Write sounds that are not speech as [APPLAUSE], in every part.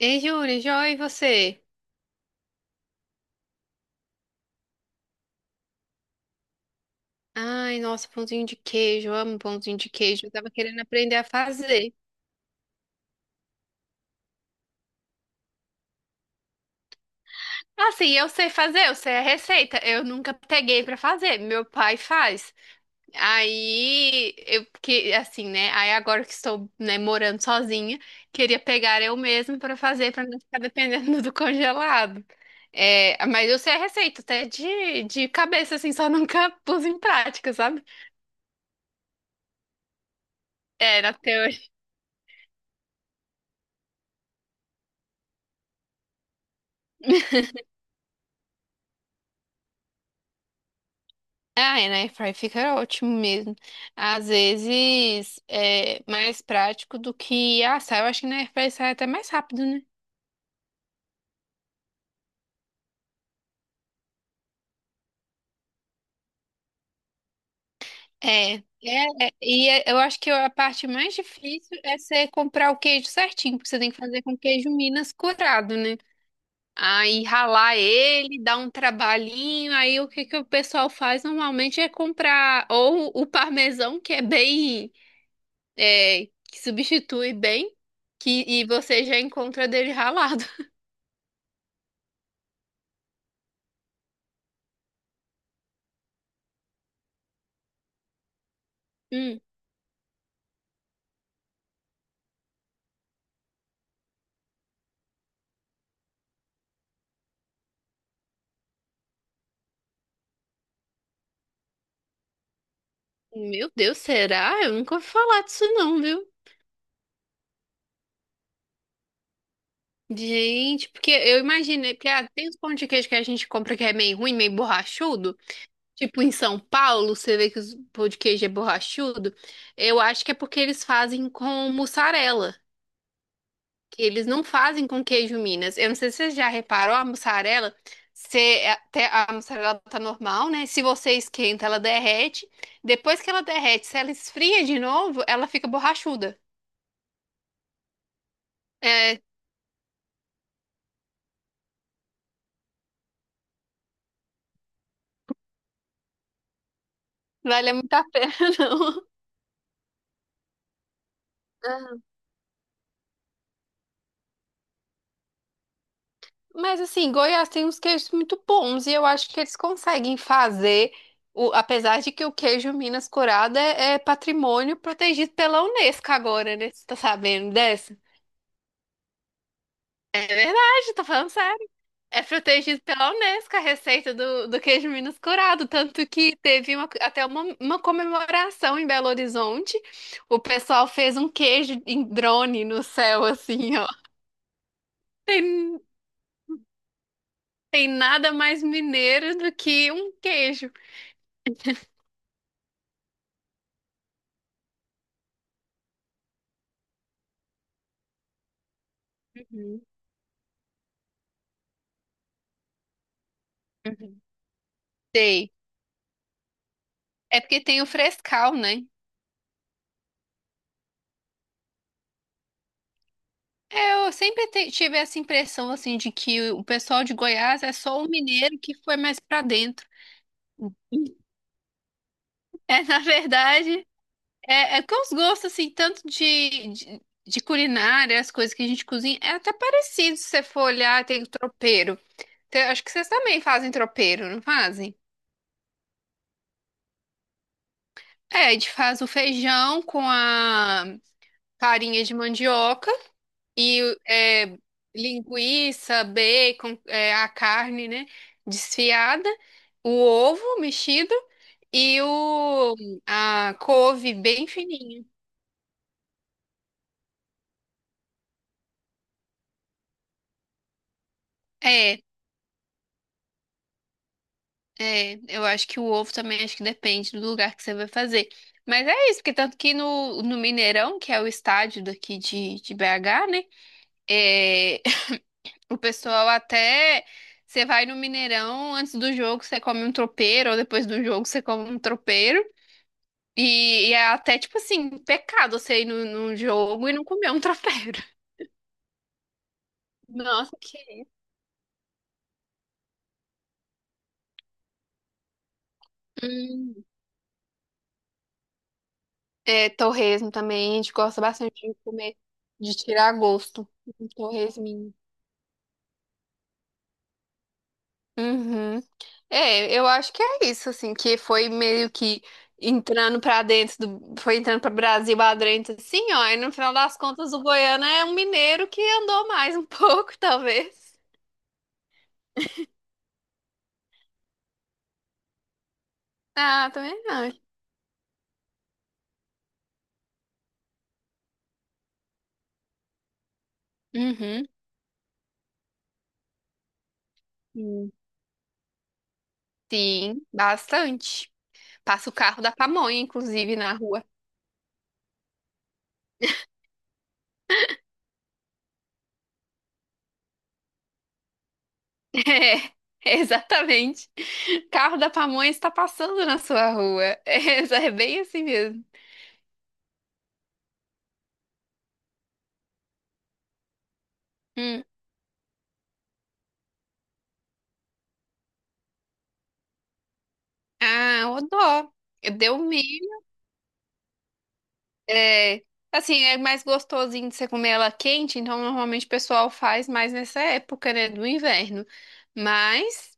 Ei, Júlia, joia, e você? Ai, nossa, pãozinho de queijo, eu amo pãozinho de queijo. Eu tava querendo aprender a fazer. Ah, sim, eu sei fazer, eu sei a receita. Eu nunca peguei pra fazer, meu pai faz. Aí, eu que assim, né? Aí agora que estou, né, morando sozinha, queria pegar eu mesma pra fazer, pra não ficar dependendo [LAUGHS] do congelado. É, mas eu sei a receita, até de cabeça, assim, só nunca pus em prática, sabe? É, na teoria. Ah, é, na airfryer fica ótimo mesmo. Às vezes é mais prático do que assar. Eu acho que na airfryer sai até mais rápido, né? É, é, eu acho que a parte mais difícil é você comprar o queijo certinho, porque você tem que fazer com queijo Minas curado, né? Aí ralar ele, dá um trabalhinho. Aí o que que o pessoal faz normalmente é comprar ou o parmesão, que é bem, é, que substitui bem, que, e você já encontra dele ralado. Hum, meu Deus, será? Eu nunca ouvi falar disso não, viu? Gente, porque eu imaginei, porque ah, tem os pão de queijo que a gente compra que é meio ruim, meio borrachudo. Tipo em São Paulo, você vê que os pão de queijo é borrachudo. Eu acho que é porque eles fazem com mussarela, que eles não fazem com queijo Minas. Eu não sei se você já reparou, a mussarela, você, é, até a mussarela tá normal, né? Se você esquenta, ela derrete. Depois que ela derrete, se ela esfria de novo, ela fica borrachuda. É, vale muito a pena, [LAUGHS] não. Aham. Mas assim, Goiás tem uns queijos muito bons e eu acho que eles conseguem fazer, o, apesar de que o queijo Minas Curado é, é patrimônio protegido pela Unesco agora, né? Você tá sabendo dessa? É verdade, tô falando sério. É protegido pela Unesco a receita do queijo Minas Curado, tanto que teve até uma comemoração em Belo Horizonte. O pessoal fez um queijo em drone no céu, assim, ó. Tem Tem nada mais mineiro do que um queijo. Uhum. Uhum. Sei. É porque tem o frescal, né? É, eu sempre tive essa impressão, assim, de que o pessoal de Goiás é só o mineiro que foi mais pra dentro. É, na verdade, é, é que os gostos, assim, tanto de culinária, as coisas que a gente cozinha, é até parecido se você for olhar, tem o tropeiro. Acho que vocês também fazem tropeiro, não fazem? É, a gente faz o feijão com a farinha de mandioca. E é, linguiça, bacon, é, a carne, né? Desfiada, o ovo mexido e o, a couve bem fininha. É, é, eu acho que o ovo também acho que depende do lugar que você vai fazer. Mas é isso, porque tanto que no Mineirão, que é o estádio daqui de BH, né? É, [LAUGHS] o pessoal até. Você vai no Mineirão, antes do jogo você come um tropeiro, ou depois do jogo você come um tropeiro. E é até, tipo assim, pecado você ir num jogo e não comer um [LAUGHS] tropeiro. Nossa, que... Hum. É, torresmo também, a gente gosta bastante de comer, de tirar gosto. Um torresminho. Uhum. É, eu acho que é isso, assim, que foi meio que entrando pra dentro do, foi entrando pra Brasil adentro, assim, ó, e no final das contas o Goiano é um mineiro que andou mais um [LAUGHS] pouco, talvez. Ah, também acho. Uhum. Hum. Sim, bastante. Passa o carro da pamonha, inclusive, na rua. [LAUGHS] É, exatamente. Carro da pamonha está passando na sua rua. É, é bem assim mesmo. Hum. Ah, o dó. Deu milho. É, assim, é mais gostosinho de você comer ela quente, então normalmente o pessoal faz mais nessa época, né, do inverno. Mas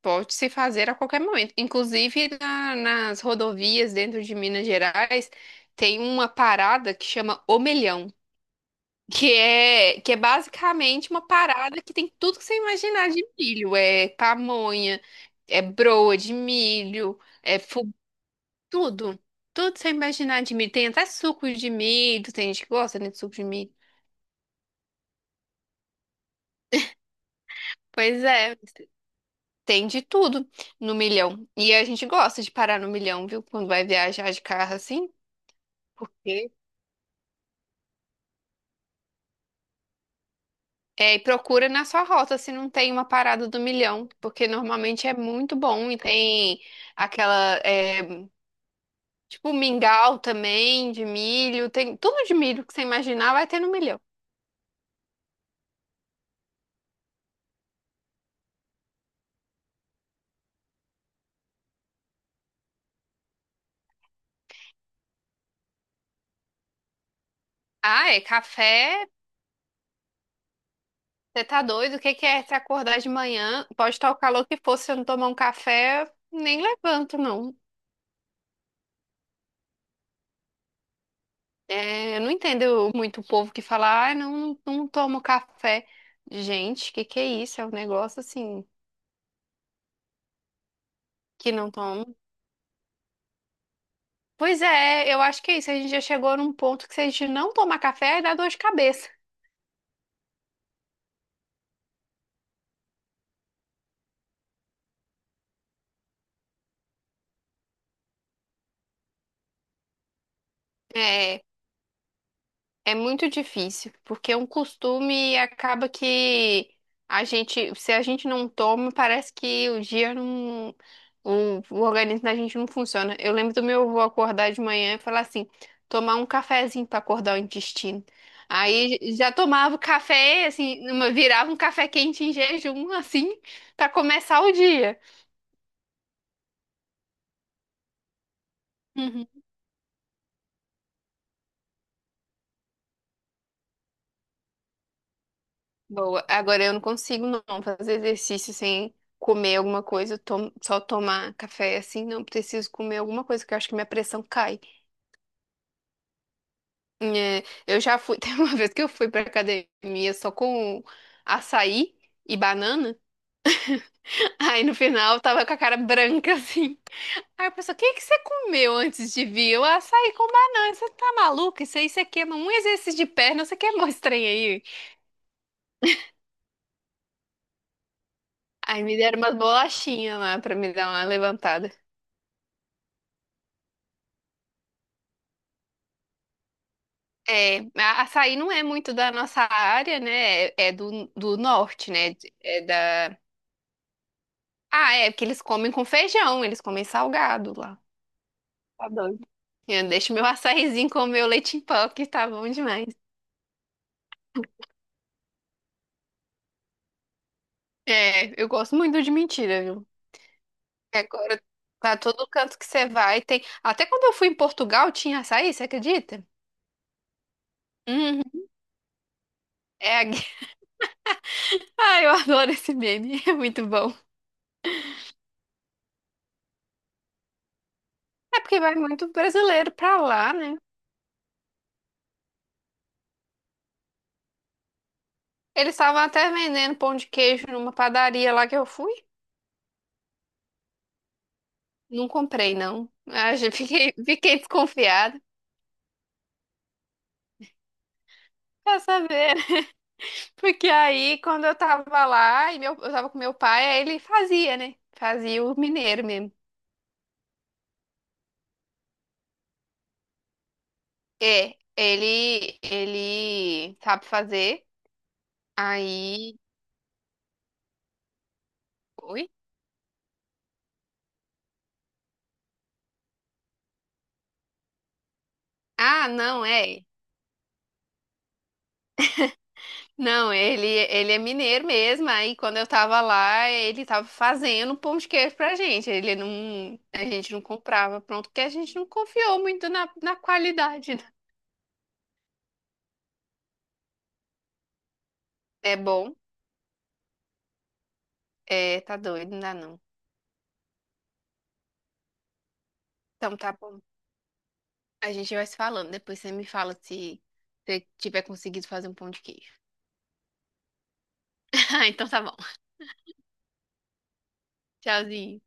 pode se fazer a qualquer momento. Inclusive nas rodovias dentro de Minas Gerais tem uma parada que chama Omelhão. Que é basicamente uma parada que tem tudo que você imaginar de milho. É pamonha, é broa de milho, tudo. Tudo que você imaginar de milho. Tem até suco de milho, tem gente que gosta, né, de suco de milho. Pois é, tem de tudo no milhão. E a gente gosta de parar no milhão, viu? Quando vai viajar de carro assim. Porque é, e procura na sua rota se não tem uma parada do milhão, porque normalmente é muito bom e tem aquela é, tipo, mingau também, de milho. Tem tudo de milho que você imaginar vai ter no milhão. Ah, é café. Você tá doido? O que que é se acordar de manhã? Pode estar o calor que for, se eu não tomar um café, nem levanto, não. É, eu não entendo muito o povo que fala, ah, não, não tomo café. Gente, que é isso? É um negócio assim que não tomo. Pois é, eu acho que é isso. A gente já chegou num ponto que se a gente não tomar café, aí dá dor de cabeça. É, é muito difícil, porque é um costume e acaba que a gente, se a gente não toma, parece que o dia não, o organismo da gente não funciona. Eu lembro do meu avô acordar de manhã e falar assim, tomar um cafezinho para acordar o intestino. Aí já tomava o café, assim, virava um café quente em jejum, assim, para começar o dia. Boa. Agora eu não consigo não fazer exercício sem comer alguma coisa, só tomar café assim, não preciso comer alguma coisa, que eu acho que minha pressão cai. É, eu já fui, [LAUGHS] tem uma vez que eu fui pra academia só com açaí e banana, [LAUGHS] aí no final eu tava com a cara branca [LAUGHS] assim. Aí eu pensei, o que que você comeu antes de vir? Eu açaí com banana, você tá maluca? Isso aí você queima um exercício de perna, você queimou esse trem aí. Aí me deram umas bolachinhas lá pra me dar uma levantada. É, açaí não é muito da nossa área, né? É, é do norte, né? É da... Ah, é, porque eles comem com feijão, eles comem salgado lá. Tá doido. Eu deixo meu açaizinho com meu leite em pó, que tá bom demais. É, eu gosto muito de mentira, viu? E agora, pra todo canto que você vai, tem. Até quando eu fui em Portugal, tinha açaí, você acredita? Uhum. É, [LAUGHS] ai, eu adoro esse meme, [LAUGHS] é muito bom. É porque vai muito brasileiro pra lá, né? Eles estavam até vendendo pão de queijo numa padaria lá que eu fui. Não comprei, não. Ah, já [LAUGHS] fiquei desconfiada. Quer saber? [LAUGHS] Porque aí, quando eu tava lá, e meu, eu tava com meu pai, aí ele fazia, né? Fazia o mineiro mesmo. É, ele sabe fazer. Aí. Oi? Ah, não, é. Não, ele é mineiro mesmo. Aí quando eu tava lá, ele tava fazendo um pão de queijo pra gente. Ele não, a gente não comprava pronto, porque a gente não confiou muito na qualidade, né? É bom, é, tá doido, não dá não. Então tá bom. A gente vai se falando. Depois você me fala se você tiver conseguido fazer um pão de queijo. [LAUGHS] Ah, então tá bom. Tchauzinho.